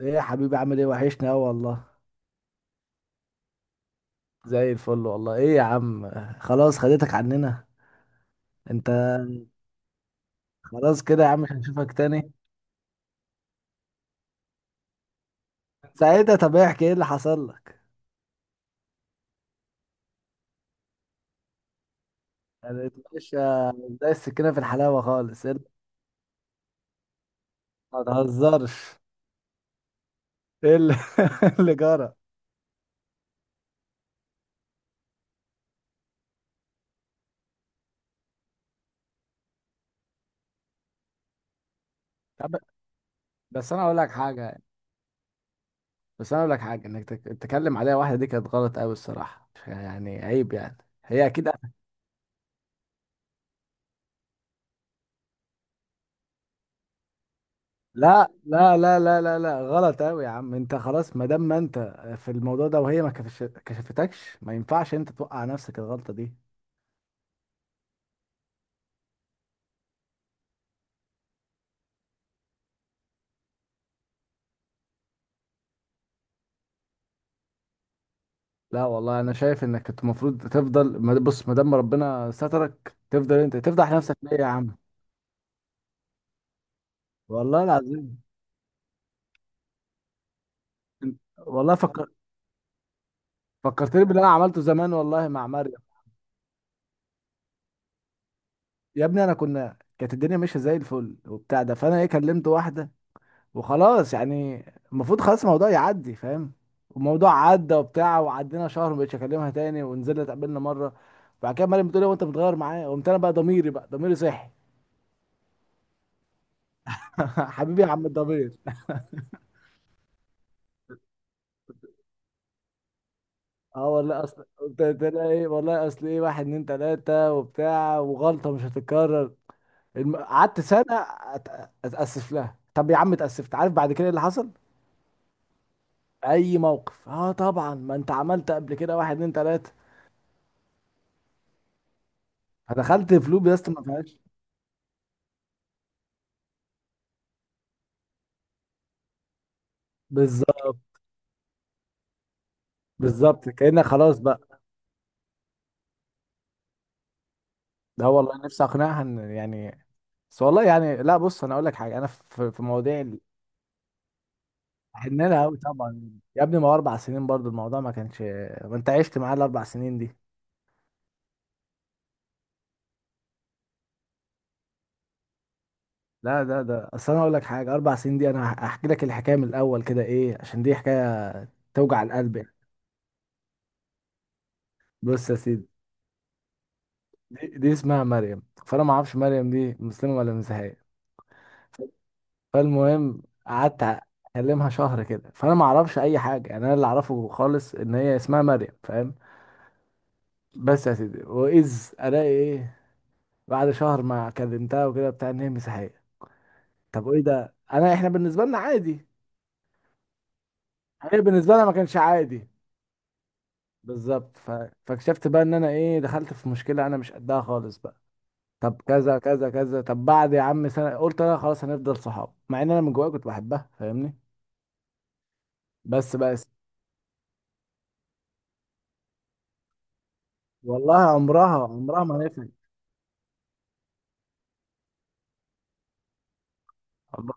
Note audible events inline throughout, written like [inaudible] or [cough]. ايه يا حبيبي، عامل ايه؟ وحشني اوي والله. زي الفل والله. ايه يا عم، خلاص خدتك عننا. انت خلاص كده يا عم، مش هنشوفك تاني. ساعتها طب احكي ايه اللي حصل لك. يعني اتمشى زي السكينة في الحلاوة خالص. ما تهزرش. ايه اللي, [laughs] اللي جرى. طب، بس انا اقول لك حاجة يعني. بس انا اقول لك حاجة، انك تتكلم عليها. واحدة دي كانت غلط قوي الصراحة، يعني عيب يعني. هي اكيد لا لا لا لا لا لا، غلط قوي يا عم. انت خلاص، ما دام ما انت في الموضوع ده، وهي ما كفش- كشفتكش، ما ينفعش انت توقع نفسك الغلطة دي. لا والله انا شايف انك كنت المفروض تفضل، بص، ما دام ربنا سترك، تفضل انت تفضح نفسك ليه يا عم؟ والله العظيم. والله فكر، فكرتني باللي انا عملته زمان والله مع مريم. يا ابني، انا كنا، كانت الدنيا ماشيه زي الفل وبتاع، ده فانا ايه، كلمت واحده وخلاص يعني. المفروض خلاص الموضوع يعدي فاهم. الموضوع عدى وبتاع، وعدينا شهر مبقتش اكلمها تاني، ونزلنا اتقابلنا مره. بعد كده مريم بتقول لي وانت متغير معايا، قمت انا بقى ضميري، ضميري صحي. [laughs] حبيبي يا عم الضمير. اه والله اصل قلت لها ايه، والله اصل ايه، واحد اتنين تلاته وبتاع، وغلطه مش هتتكرر. قعدت سنه اتاسف لها. طب يا عم اتاسفت، عارف بعد كده إيه اللي حصل؟ اي موقف، اه طبعا ما انت عملت قبل كده واحد اتنين تلاته، فدخلت في لوب يا اسطى ما فيهاش. بالظبط، بالظبط كأنك خلاص بقى. ده والله نفسي اقنعها ان يعني، بس والله يعني، لا بص، انا اقول لك حاجه، انا في مواضيع حنينها قوي طبعا. يا ابني، ما هو اربع سنين برضو الموضوع ما كانش، ما انت عشت معاه الاربع سنين دي. لا ده اصل انا اقول لك حاجه، اربع سنين دي انا هحكي لك الحكايه من الاول كده ايه، عشان دي حكايه توجع القلب يعني. بص يا سيدي، دي اسمها مريم، فانا ما اعرفش مريم دي مسلمه ولا مسيحيه. فالمهم قعدت اكلمها شهر كده، فانا ما اعرفش اي حاجه، يعني انا اللي اعرفه خالص ان هي اسمها مريم فاهم. بس يا سيدي، واذ الاقي ايه؟ بعد شهر ما كلمتها وكده بتاع، ان هي مسيحيه. طب وايه ده، انا احنا بالنسبه لنا عادي، هي بالنسبه لنا ما كانش عادي. بالظبط. فاكتشفت بقى ان انا ايه، دخلت في مشكله انا مش قدها خالص بقى. طب كذا كذا كذا، طب بعد يا عم سنه، قلت انا خلاص هنفضل صحاب، مع ان انا من جوايا كنت بحبها فاهمني. بس بقى يا سيدي، والله عمرها عمرها ما نفعت، عمر-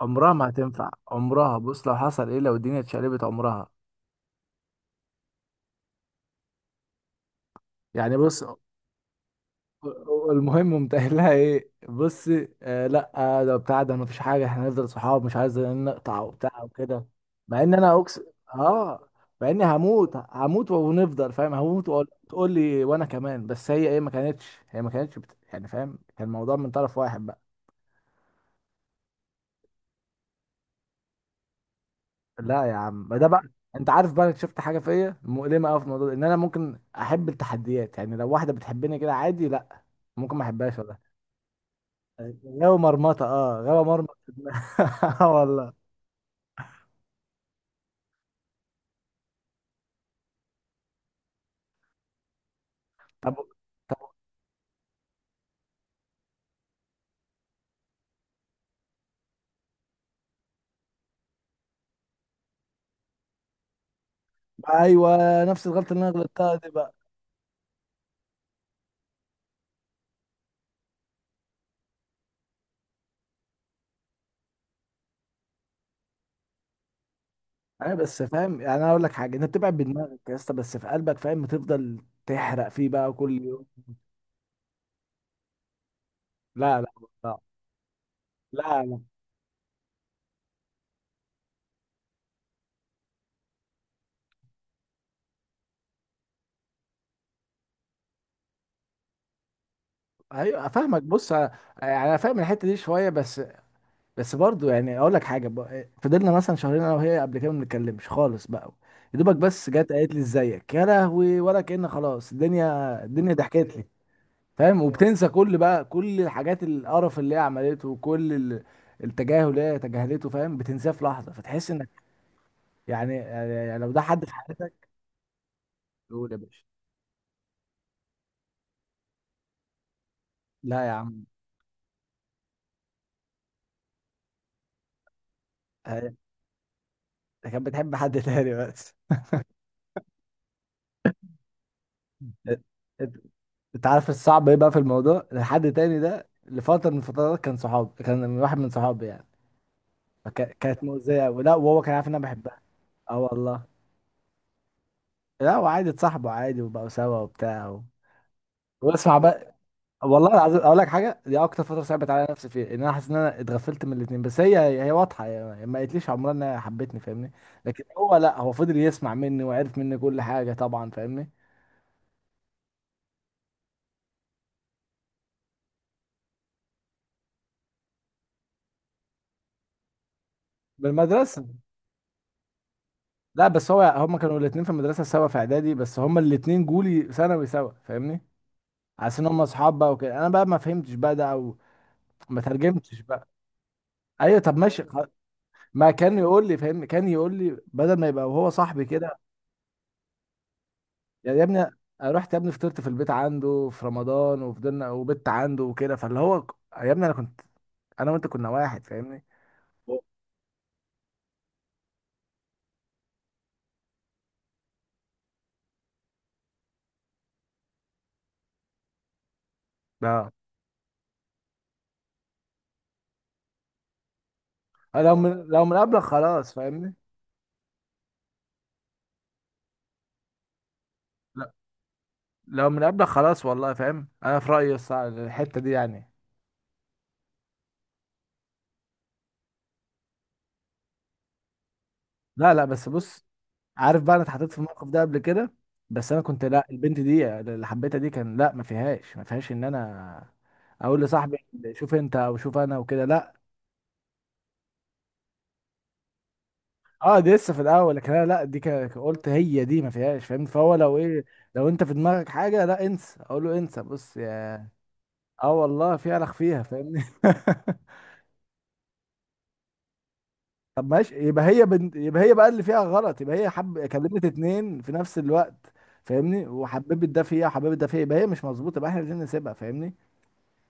عمرها ما هتنفع، عمرها بص، لو حصل ايه، لو الدنيا اتشقلبت عمرها. يعني بص، المهم قمت قايل لها ايه: بصي آه لا، آه ده بتاع ده، مفيش حاجه، احنا هنفضل صحاب، مش عايز نقطع وبتاع وكده. مع ان انا اقسم، اه، مع اني هموت هموت ونفضل فاهم، هموت وتقول لي وانا كمان، بس هي ايه، ما كانتش يعني فاهم، كان الموضوع من طرف واحد بقى. لا يا عم ما ده بقى، انت عارف بقى أنا شفت حاجه فيا مؤلمه قوي في الموضوع ده، ان انا ممكن احب التحديات. يعني لو واحده بتحبني كده عادي لا، ممكن ما احبهاش. غاوي مرمطه، اه غاوي مرمط في دماغي. [laughs] آه والله. طب ايوه، نفس الغلطه اللي انا غلطتها دي بقى. انا بس فاهم يعني، انا اقول لك حاجه، انت بتبعد بدماغك يا اسطى، بس في قلبك فاهم، بتفضل تحرق فيه بقى كل يوم. لا لا لا لا لا. ايوه افهمك، بص يعني انا فاهم الحته دي شويه بس. بس برضو يعني اقول لك حاجه، فضلنا مثلا شهرين انا وهي قبل كده ما بنتكلمش خالص بقى. يا دوبك بس جت قالت لي ازيك يا لهوي، ولا كأن خلاص، الدنيا ضحكت لي فاهم، وبتنسى كل الحاجات القرف اللي هي عملته، وكل التجاهل اللي هي تجاهلته فاهم، بتنساه في لحظه، فتحس انك، يعني لو ده حد في حياتك. قول يا باشا. لا يا عم، هي- ده كانت بتحب حد تاني بس. انت انت عارف الصعب ايه بقى في الموضوع؟ الحد تاني ده لفتره من الفترات كان صحاب، كان من واحد من صحابي يعني، كانت مؤذيه، ولا وهو كان عارف ان انا بحبها. اه والله. لا وعادي، اتصاحبوا عادي وبقوا سوا وبتاع و... واسمع بقى. والله العظيم اقول لك حاجه، دي اكتر فتره صعبت على نفسي فيها، ان انا حاسس ان انا اتغفلت من الاثنين. بس هي، واضحه يعني، ما قالتليش عمرها انها حبتني فاهمني. لكن هو لا، هو فضل يسمع مني وعرف مني كل حاجه طبعا فاهمني. بالمدرسه. لا بس هو، هما كانوا الاثنين في المدرسه سوا في اعدادي، بس هما الاثنين جولي ثانوي سوا فاهمني. حاسس ان هما اصحاب بقى وكده، انا بقى ما فهمتش بقى ده، او ما ترجمتش بقى. ايوه طب ماشي، ما كان يقول لي فاهمني، كان يقول لي بدل ما يبقى وهو صاحبي كده يعني، يا ابني. رحت يا ابني، فطرت في البيت عنده في رمضان وفضلنا، وبت عنده وكده، فاللي هو يا ابني انا كنت، انا وانت كنا واحد فاهمني. اه آه، لو من قبلك خلاص فاهمني. لا لو من قبلك خلاص والله فاهم، انا في رأيي الحتة دي يعني. لا لا بس بص، عارف بقى انا اتحطيت في الموقف ده قبل كده، بس انا كنت لا، البنت دي اللي حبيتها دي كان لا، ما فيهاش ان انا اقول لصاحبي شوف انت، او شوف انا وكده لا. اه دي لسه في الاول، لكن انا لا، دي قلت هي دي ما فيهاش فاهم، فهو لو ايه، لو انت في دماغك حاجه لا، انسى، اقول له انسى، بص يا، اه والله في الخ فيها فاهمني. [laughs] طب ماشي، يبقى يبقى هي بقى اللي فيها غلط، يبقى هي حب كلمت اتنين في نفس الوقت فاهمني، وحببت ده فيها وحببت ده فيها، يبقى هي مش مظبوطه، يبقى احنا عايزين نسيبها فاهمني.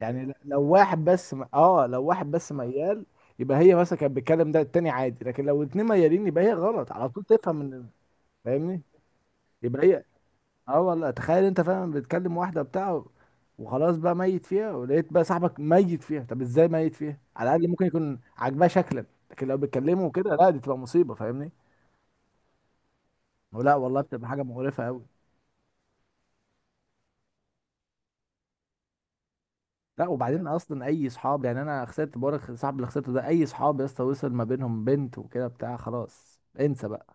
يعني لو واحد بس اه لو واحد بس ميال، يبقى هي مثلا كانت بتتكلم ده التاني عادي، لكن لو اتنين ميالين يبقى هي غلط على طول تفهم من فاهمني، يبقى هي، اه والله. تخيل انت فعلا بتكلم واحده بتاع، وخلاص بقى ميت فيها، ولقيت بقى صاحبك ميت فيها، طب ازاي ميت فيها؟ على الاقل ممكن يكون عاجباه شكلا، لكن لو بيتكلموا كده لا، دي تبقى مصيبه فاهمني. ولا والله بتبقى حاجه مقرفه قوي. لا وبعدين اصلا، اي صحاب يعني، انا خسرت بورك صاحب اللي خسرته ده، اي صحاب يا اسطى وصل ما بينهم بنت وكده بتاع، خلاص انسى بقى.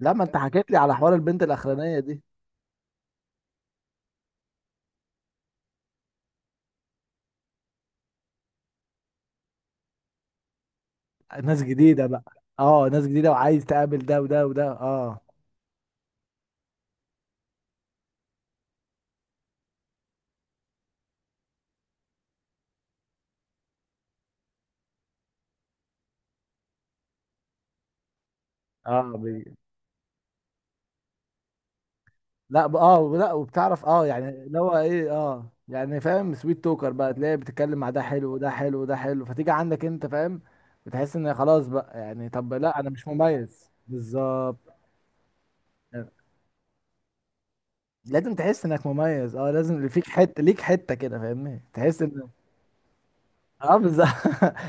لما انت حكيت لي على حوار البنت الاخرانيه دي. ناس جديده بقى. اه ناس جديده، وعايز تقابل ده وده وده، اه. اه لا اه لا، وبتعرف اه يعني اللي هو ايه، اه يعني فاهم، سويت توكر بقى، تلاقي بتتكلم مع ده حلو، وده حلو، وده حلو، فتيجي عندك انت فاهم. بتحس ان خلاص بقى يعني، طب لا انا مش مميز بالظبط. لازم تحس انك مميز، اه لازم اللي فيك حته، ليك حته كده فاهمني، تحس ان، اه بالظبط. [laughs]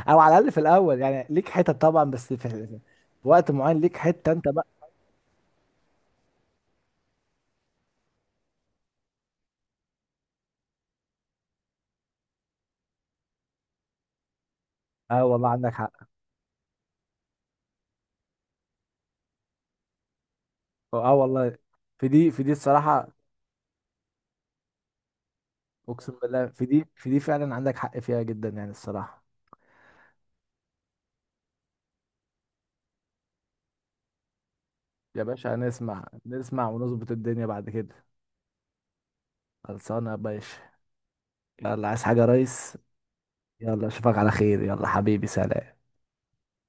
او على الاقل في الاول يعني ليك حته طبعا، بس في وقت معين ليك حته انت بقى. اه والله عندك حق. اه والله في دي في دي الصراحه. اقسم بالله في دي في دي فعلا عندك حق فيها جدا، يعني الصراحه. يا باشا نسمع، نسمع ونظبط الدنيا بعد كده. خلصانه يا باشا. يلا عايز حاجه يا ريس؟ يلا اشوفك على خير، يلا حبيبي سلام.